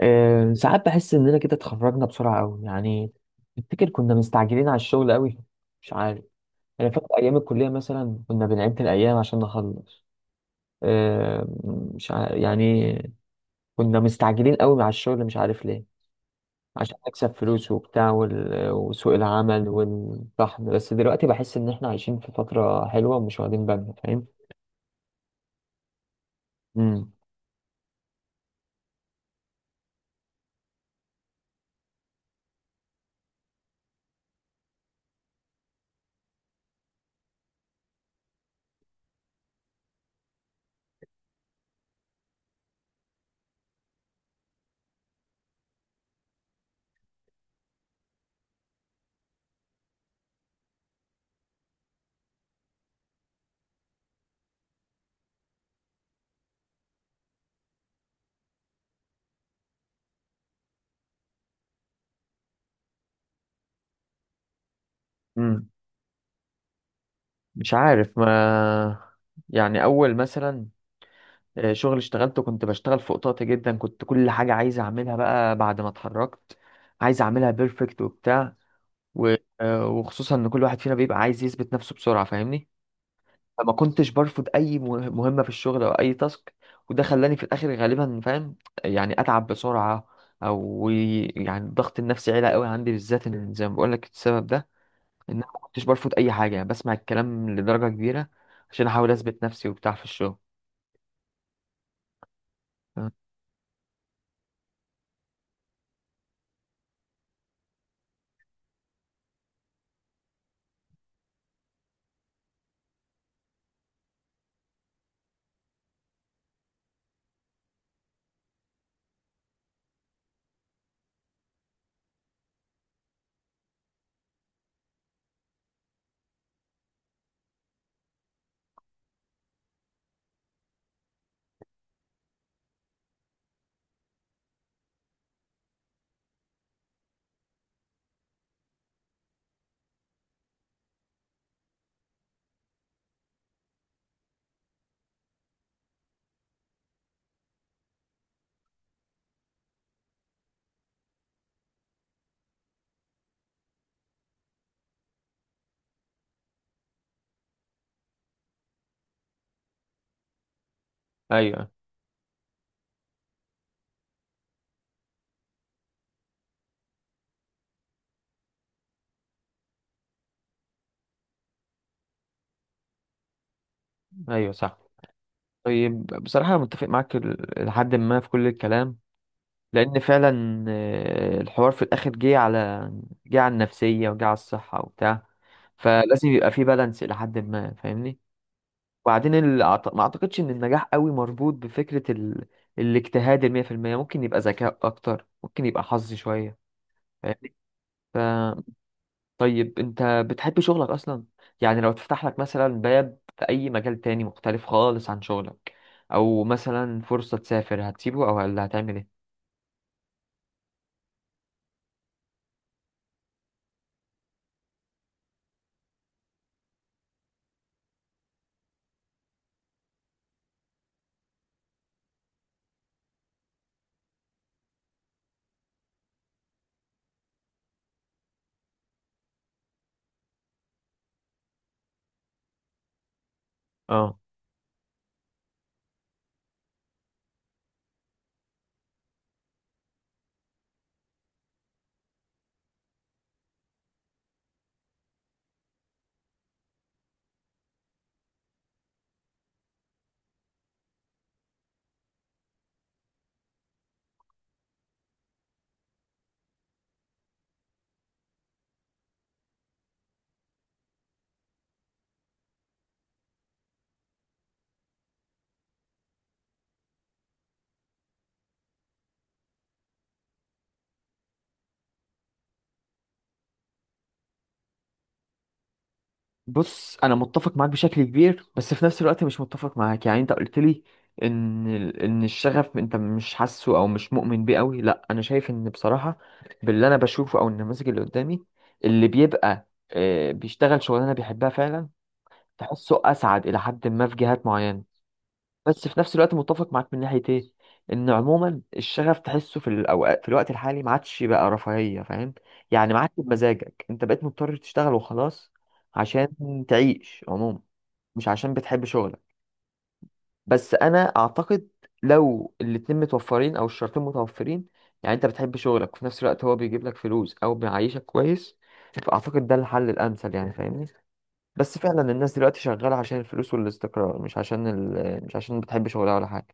ساعات بحس اننا كده اتخرجنا بسرعه قوي يعني. افتكر كنا مستعجلين على الشغل قوي. مش عارف. انا فاكر ايام الكليه مثلا كنا بنعد الايام عشان نخلص. آه، مش عارف يعني. كنا مستعجلين قوي على الشغل، مش عارف ليه. عشان نكسب فلوس وبتاع وسوق العمل والطحن، بس دلوقتي بحس ان احنا عايشين في فتره حلوه ومش واخدين بالنا، فاهم؟ امم. امم. مش عارف ما، يعني اول مثلا شغل اشتغلته، كنت بشتغل في قطاطي جدا، كنت كل حاجة عايز أعملها بقى بعد ما اتخرجت عايز أعملها بيرفكت وبتاع و... وخصوصا إن كل واحد فينا بيبقى عايز يثبت نفسه بسرعة، فاهمني؟ فما كنتش برفض أي مهمة في الشغل أو أي تاسك، وده خلاني في الآخر غالبا، فاهم؟ يعني أتعب بسرعة، أو يعني الضغط النفسي عالي قوي عندي بالذات، إن زي ما بقول لك السبب ده إن أنا ما كنتش برفض أي حاجة، يعني بسمع الكلام لدرجة كبيرة عشان أحاول أثبت نفسي وبتاع في الشغل. آه، أيوه. أيوه صح. طيب بصراحة أنا متفق معاك لحد ما في كل الكلام، لأن فعلا الحوار في الآخر جه على، جه على النفسية وجه على الصحة وبتاع، فلازم يبقى فيه بالانس إلى حد ما، فاهمني؟ وبعدين ما أعتقدش إن النجاح قوي مربوط بفكرة الاجتهاد المية في المية، ممكن يبقى ذكاء أكتر، ممكن يبقى حظ شوية، فاهمني؟ طيب انت بتحب شغلك اصلا؟ يعني لو تفتح لك مثلا باب في اي مجال تاني مختلف خالص عن شغلك، او مثلا فرصة تسافر، هتسيبه او هل هتعمل ايه؟ اه بص انا متفق معاك بشكل كبير، بس في نفس الوقت مش متفق معاك. يعني انت قلت لي ان ان الشغف انت مش حاسه او مش مؤمن بيه قوي. لا انا شايف ان بصراحة باللي انا بشوفه او النماذج اللي قدامي، اللي بيبقى بيشتغل شغلانة بيحبها فعلا تحسه اسعد الى حد ما في جهات معينة. بس في نفس الوقت متفق معاك من ناحية ايه، ان عموما الشغف تحسه في الاوقات، في الوقت الحالي ما عادش بقى رفاهية، فاهم؟ يعني ما عادش بمزاجك، انت بقيت مضطر تشتغل وخلاص عشان تعيش عموما، مش عشان بتحب شغلك. بس انا اعتقد لو الاتنين متوفرين او الشرطين متوفرين، يعني انت بتحب شغلك وفي نفس الوقت هو بيجيب لك فلوس او بيعيشك كويس، فاعتقد ده الحل الامثل، يعني فاهمني؟ بس فعلا الناس دلوقتي شغالة عشان الفلوس والاستقرار، مش عشان مش عشان بتحب شغلها ولا حاجة.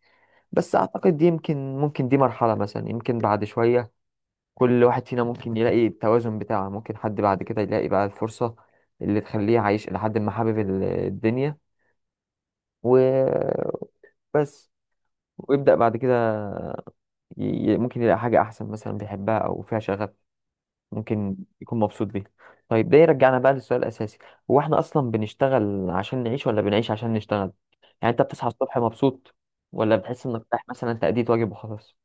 بس أعتقد دي يمكن، ممكن دي مرحلة مثلا، يمكن بعد شوية كل واحد فينا ممكن يلاقي التوازن بتاعه، ممكن حد بعد كده يلاقي بقى الفرصة اللي تخليه عايش إلى حد ما حابب الدنيا. وبس. ويبدأ بعد كده ي... ممكن يلاقي حاجة أحسن مثلا بيحبها أو فيها شغف، ممكن يكون مبسوط بيها. طيب ده يرجعنا بقى للسؤال الأساسي، هو احنا أصلا بنشتغل عشان نعيش ولا بنعيش عشان نشتغل؟ يعني أنت بتصحى الصبح مبسوط ولا بتحس إنك رايح مثلا تأديت واجب وخلاص؟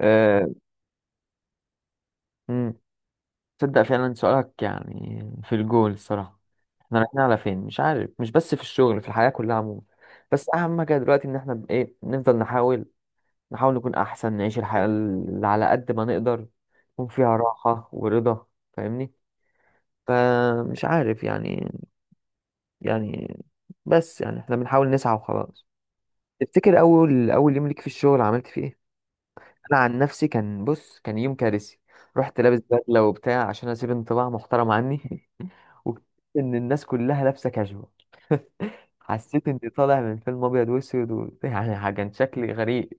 أه... مم. تصدق فعلا سؤالك يعني في الجول الصراحة، احنا رايحين على فين؟ مش عارف، مش بس في الشغل، في الحياة كلها عموما. بس أهم حاجة دلوقتي إن احنا ب- إيه نفضل نحاول، نحاول نكون أحسن، نعيش الحياة اللي على قد ما نقدر يكون فيها راحة ورضا، فاهمني؟ فمش عارف يعني، يعني، بس يعني احنا بنحاول نسعى وخلاص. تفتكر اول، اول يوم ليك في الشغل عملت فيه ايه؟ انا عن نفسي كان، بص كان يوم كارثي. رحت لابس بدله وبتاع عشان اسيب انطباع محترم عني واكتشفت ان الناس كلها لابسه كاجوال حسيت اني طالع من فيلم ابيض واسود يعني كان شكلي غريب.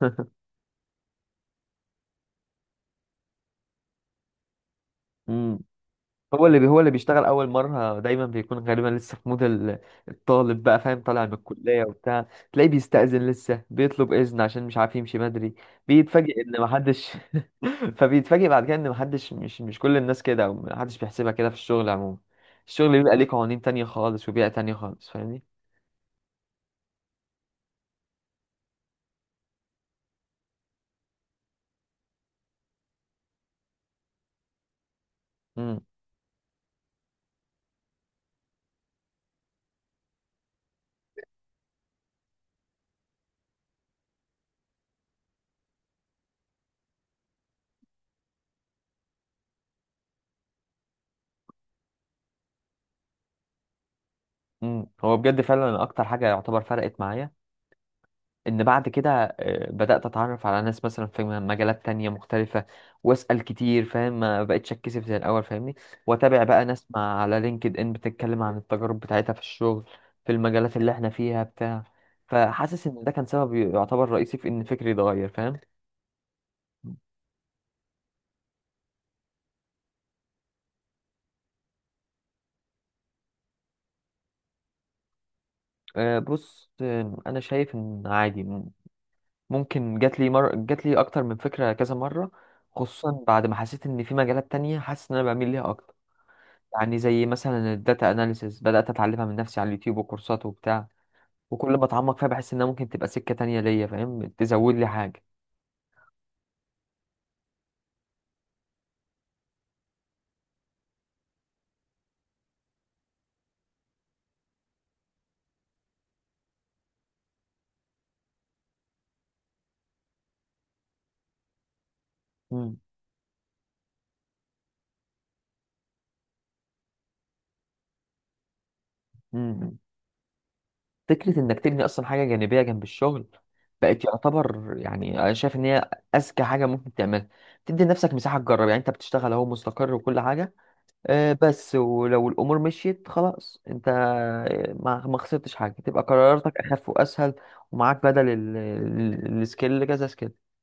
مم. هو اللي بيشتغل اول مره دايما بيكون غالبا لسه في مود الطالب بقى، فاهم، طالع من الكليه وبتاع. تلاقيه بيستأذن لسه، بيطلب اذن عشان مش عارف يمشي بدري، بيتفاجئ ان محدش فبيتفاجئ بعد كده ان محدش، مش كل الناس كده، او محدش بيحسبها كده في الشغل عموما. الشغل بيبقى ليه قوانين تانية خالص وبيئه تانية خالص، فاهمني؟ امم. امم. هو بجد فعلا اكتر حاجه يعتبر فرقت معايا ان بعد كده بدأت اتعرف على ناس مثلا في مجالات تانية مختلفة، واسأل كتير، فاهم، ما بقتش اتكسف زي الاول، فاهمني؟ واتابع بقى ناس مع على لينكد ان بتتكلم عن التجارب بتاعتها في الشغل في المجالات اللي احنا فيها بتاع. فحاسس ان ده كان سبب يعتبر رئيسي في ان فكري اتغير، فاهم؟ بص، انا شايف ان عادي، ممكن، جات لي اكتر من فكرة كذا مرة، خصوصا بعد ما حسيت ان في مجالات تانية حاسس ان انا بميل ليها اكتر. يعني زي مثلا الداتا اناليسيس، بدأت اتعلمها من نفسي على اليوتيوب وكورسات وبتاع، وكل ما اتعمق فيها بحس انها ممكن تبقى سكة تانية ليا، فاهم، تزود لي حاجة. مم. مم. فكرة انك تبني اصلا حاجة جانبية جنب الشغل بقت يعتبر، يعني انا شايف ان هي اذكى حاجة ممكن تعملها. تدي لنفسك مساحة تجرب، يعني انت بتشتغل اهو مستقر وكل حاجة، بس ولو الامور مشيت خلاص، انت ما خسرتش حاجة، تبقى قراراتك اخف واسهل، ومعاك بدل السكيل كذا سكيل.